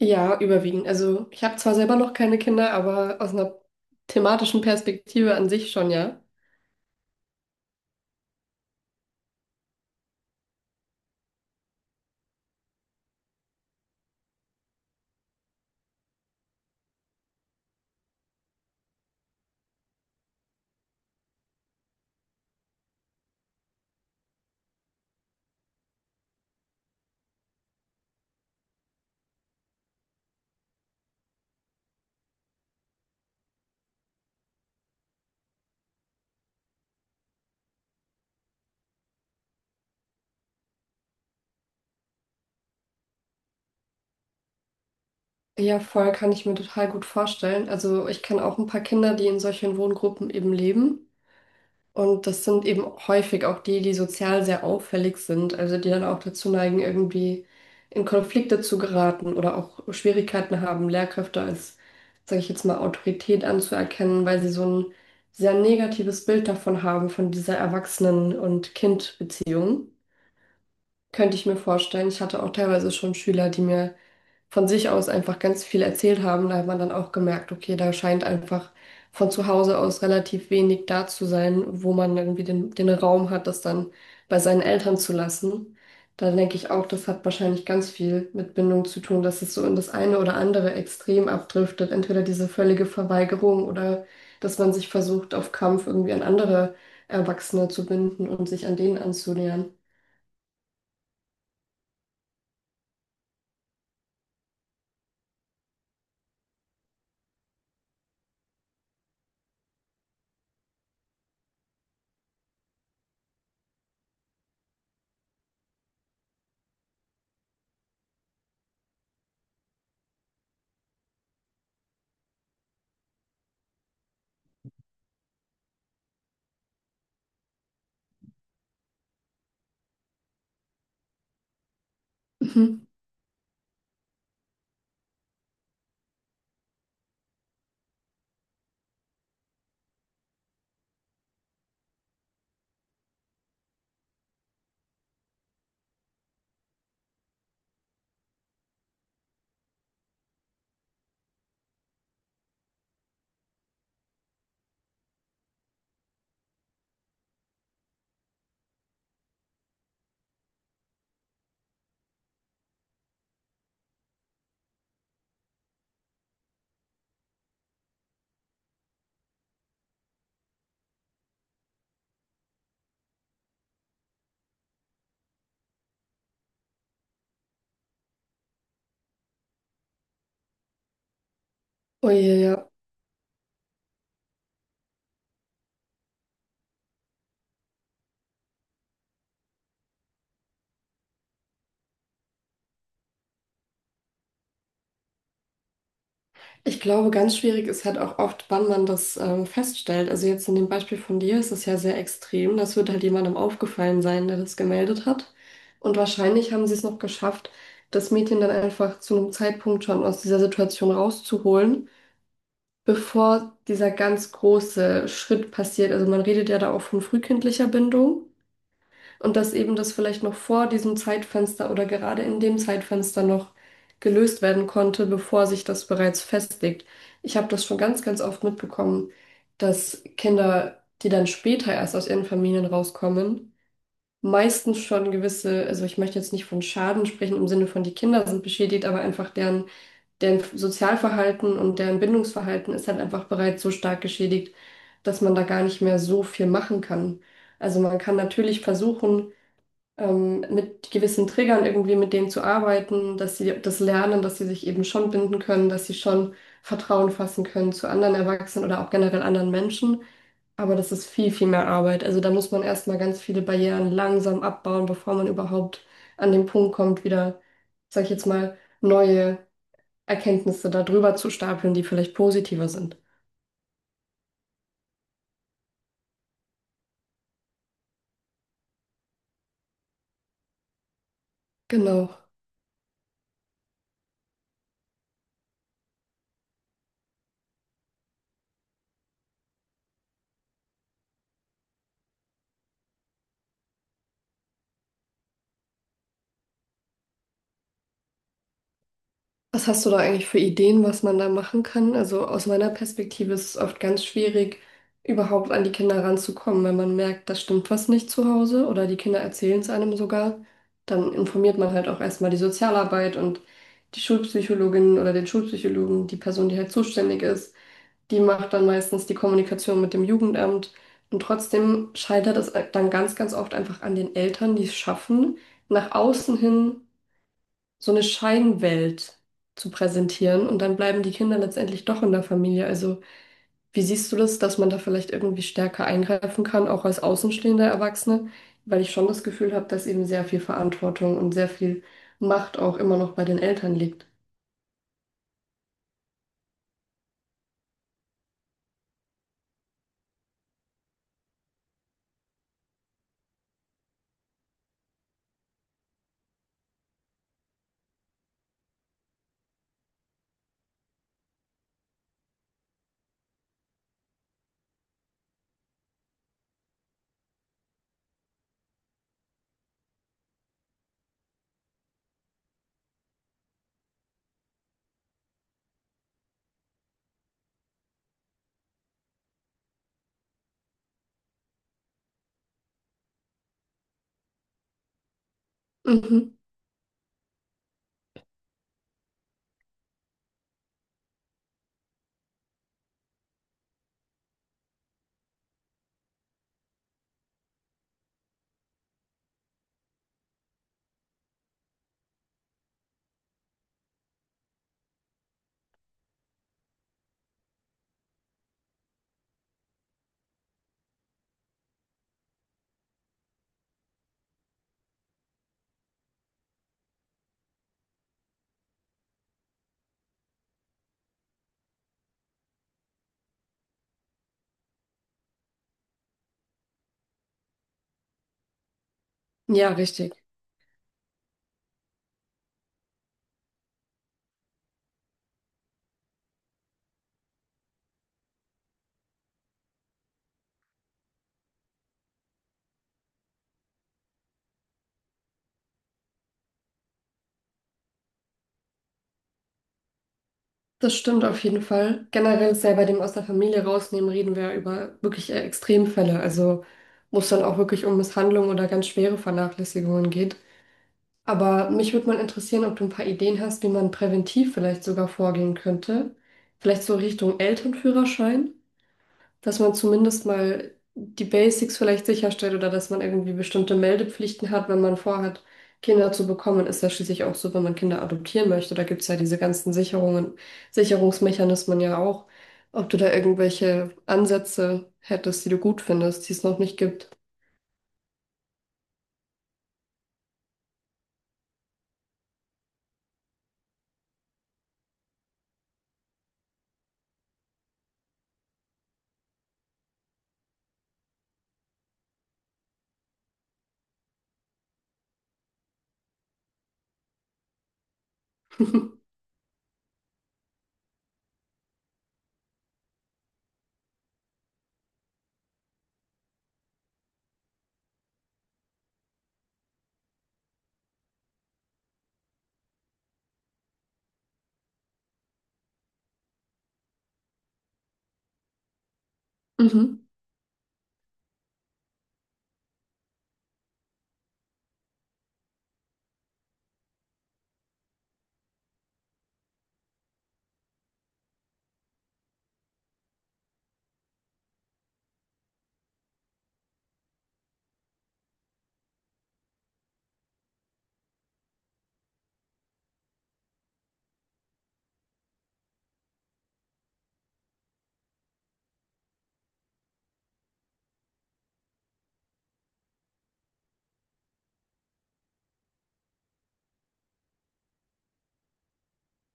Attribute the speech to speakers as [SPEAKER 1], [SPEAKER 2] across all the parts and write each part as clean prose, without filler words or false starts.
[SPEAKER 1] Ja, überwiegend. Also ich habe zwar selber noch keine Kinder, aber aus einer thematischen Perspektive an sich schon, ja. Ja, voll kann ich mir total gut vorstellen. Also ich kenne auch ein paar Kinder, die in solchen Wohngruppen eben leben. Und das sind eben häufig auch die, die sozial sehr auffällig sind, also die dann auch dazu neigen, irgendwie in Konflikte zu geraten oder auch Schwierigkeiten haben, Lehrkräfte als, sage ich jetzt mal, Autorität anzuerkennen, weil sie so ein sehr negatives Bild davon haben, von dieser Erwachsenen- und Kind-Beziehung. Könnte ich mir vorstellen. Ich hatte auch teilweise schon Schüler, die mir von sich aus einfach ganz viel erzählt haben. Da hat man dann auch gemerkt, okay, da scheint einfach von zu Hause aus relativ wenig da zu sein, wo man irgendwie den Raum hat, das dann bei seinen Eltern zu lassen. Da denke ich auch, das hat wahrscheinlich ganz viel mit Bindung zu tun, dass es so in das eine oder andere Extrem abdriftet. Entweder diese völlige Verweigerung oder dass man sich versucht, auf Kampf irgendwie an andere Erwachsene zu binden und sich an denen anzunähern. Mhm. Oh je, ja. Ich glaube, ganz schwierig ist halt auch oft, wann man das feststellt. Also jetzt in dem Beispiel von dir ist es ja sehr extrem. Das wird halt jemandem aufgefallen sein, der das gemeldet hat. Und wahrscheinlich haben sie es noch geschafft, das Mädchen dann einfach zu einem Zeitpunkt schon aus dieser Situation rauszuholen, bevor dieser ganz große Schritt passiert. Also man redet ja da auch von frühkindlicher Bindung. Und dass eben das vielleicht noch vor diesem Zeitfenster oder gerade in dem Zeitfenster noch gelöst werden konnte, bevor sich das bereits festlegt. Ich habe das schon ganz, ganz oft mitbekommen, dass Kinder, die dann später erst aus ihren Familien rauskommen, meistens schon gewisse, also ich möchte jetzt nicht von Schaden sprechen im Sinne von die Kinder sind beschädigt, aber einfach deren, deren Sozialverhalten und deren Bindungsverhalten ist halt einfach bereits so stark geschädigt, dass man da gar nicht mehr so viel machen kann. Also man kann natürlich versuchen, mit gewissen Triggern irgendwie mit denen zu arbeiten, dass sie das lernen, dass sie sich eben schon binden können, dass sie schon Vertrauen fassen können zu anderen Erwachsenen oder auch generell anderen Menschen. Aber das ist viel, viel mehr Arbeit. Also da muss man erstmal ganz viele Barrieren langsam abbauen, bevor man überhaupt an den Punkt kommt, wieder, sag ich jetzt mal, neue Erkenntnisse darüber zu stapeln, die vielleicht positiver sind. Genau. Was hast du da eigentlich für Ideen, was man da machen kann? Also aus meiner Perspektive ist es oft ganz schwierig, überhaupt an die Kinder ranzukommen. Wenn man merkt, da stimmt was nicht zu Hause oder die Kinder erzählen es einem sogar, dann informiert man halt auch erstmal die Sozialarbeit und die Schulpsychologin oder den Schulpsychologen, die Person, die halt zuständig ist, die macht dann meistens die Kommunikation mit dem Jugendamt. Und trotzdem scheitert es dann ganz, ganz oft einfach an den Eltern, die es schaffen, nach außen hin so eine Scheinwelt zu präsentieren und dann bleiben die Kinder letztendlich doch in der Familie. Also, wie siehst du das, dass man da vielleicht irgendwie stärker eingreifen kann, auch als außenstehender Erwachsene? Weil ich schon das Gefühl habe, dass eben sehr viel Verantwortung und sehr viel Macht auch immer noch bei den Eltern liegt. Mhm. Ja, richtig. Das stimmt auf jeden Fall. Generell ist ja bei dem aus der Familie rausnehmen, reden wir ja über wirklich eher Extremfälle. Also, wo es dann auch wirklich um Misshandlung oder ganz schwere Vernachlässigungen geht. Aber mich würde mal interessieren, ob du ein paar Ideen hast, wie man präventiv vielleicht sogar vorgehen könnte. Vielleicht so Richtung Elternführerschein, dass man zumindest mal die Basics vielleicht sicherstellt oder dass man irgendwie bestimmte Meldepflichten hat, wenn man vorhat, Kinder zu bekommen. Ist ja schließlich auch so, wenn man Kinder adoptieren möchte. Da gibt es ja diese ganzen Sicherungen, Sicherungsmechanismen ja auch. Ob du da irgendwelche Ansätze hättest, die du gut findest, die es noch nicht gibt. Mhm.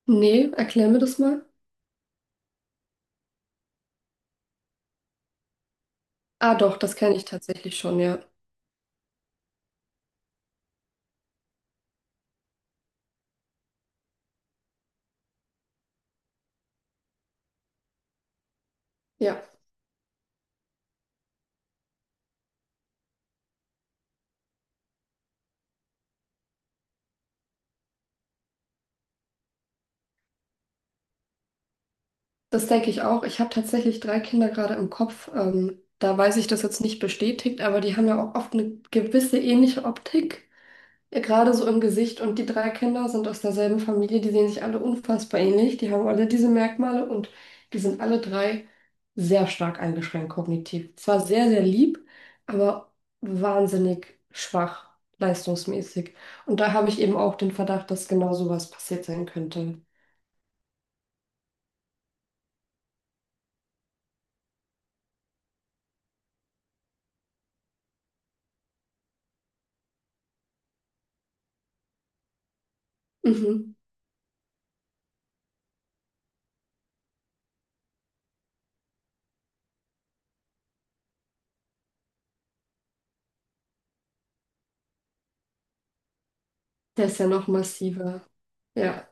[SPEAKER 1] Nee, erklär mir das mal. Ah, doch, das kenne ich tatsächlich schon, ja. Ja, das denke ich auch. Ich habe tatsächlich drei Kinder gerade im Kopf. Da weiß ich das jetzt nicht bestätigt, aber die haben ja auch oft eine gewisse ähnliche Optik, gerade so im Gesicht. Und die drei Kinder sind aus derselben Familie, die sehen sich alle unfassbar ähnlich. Die haben alle diese Merkmale und die sind alle drei sehr stark eingeschränkt kognitiv. Zwar sehr, sehr lieb, aber wahnsinnig schwach leistungsmäßig. Und da habe ich eben auch den Verdacht, dass genau sowas passiert sein könnte. Mhm. Der ist ja noch massiver. Ja.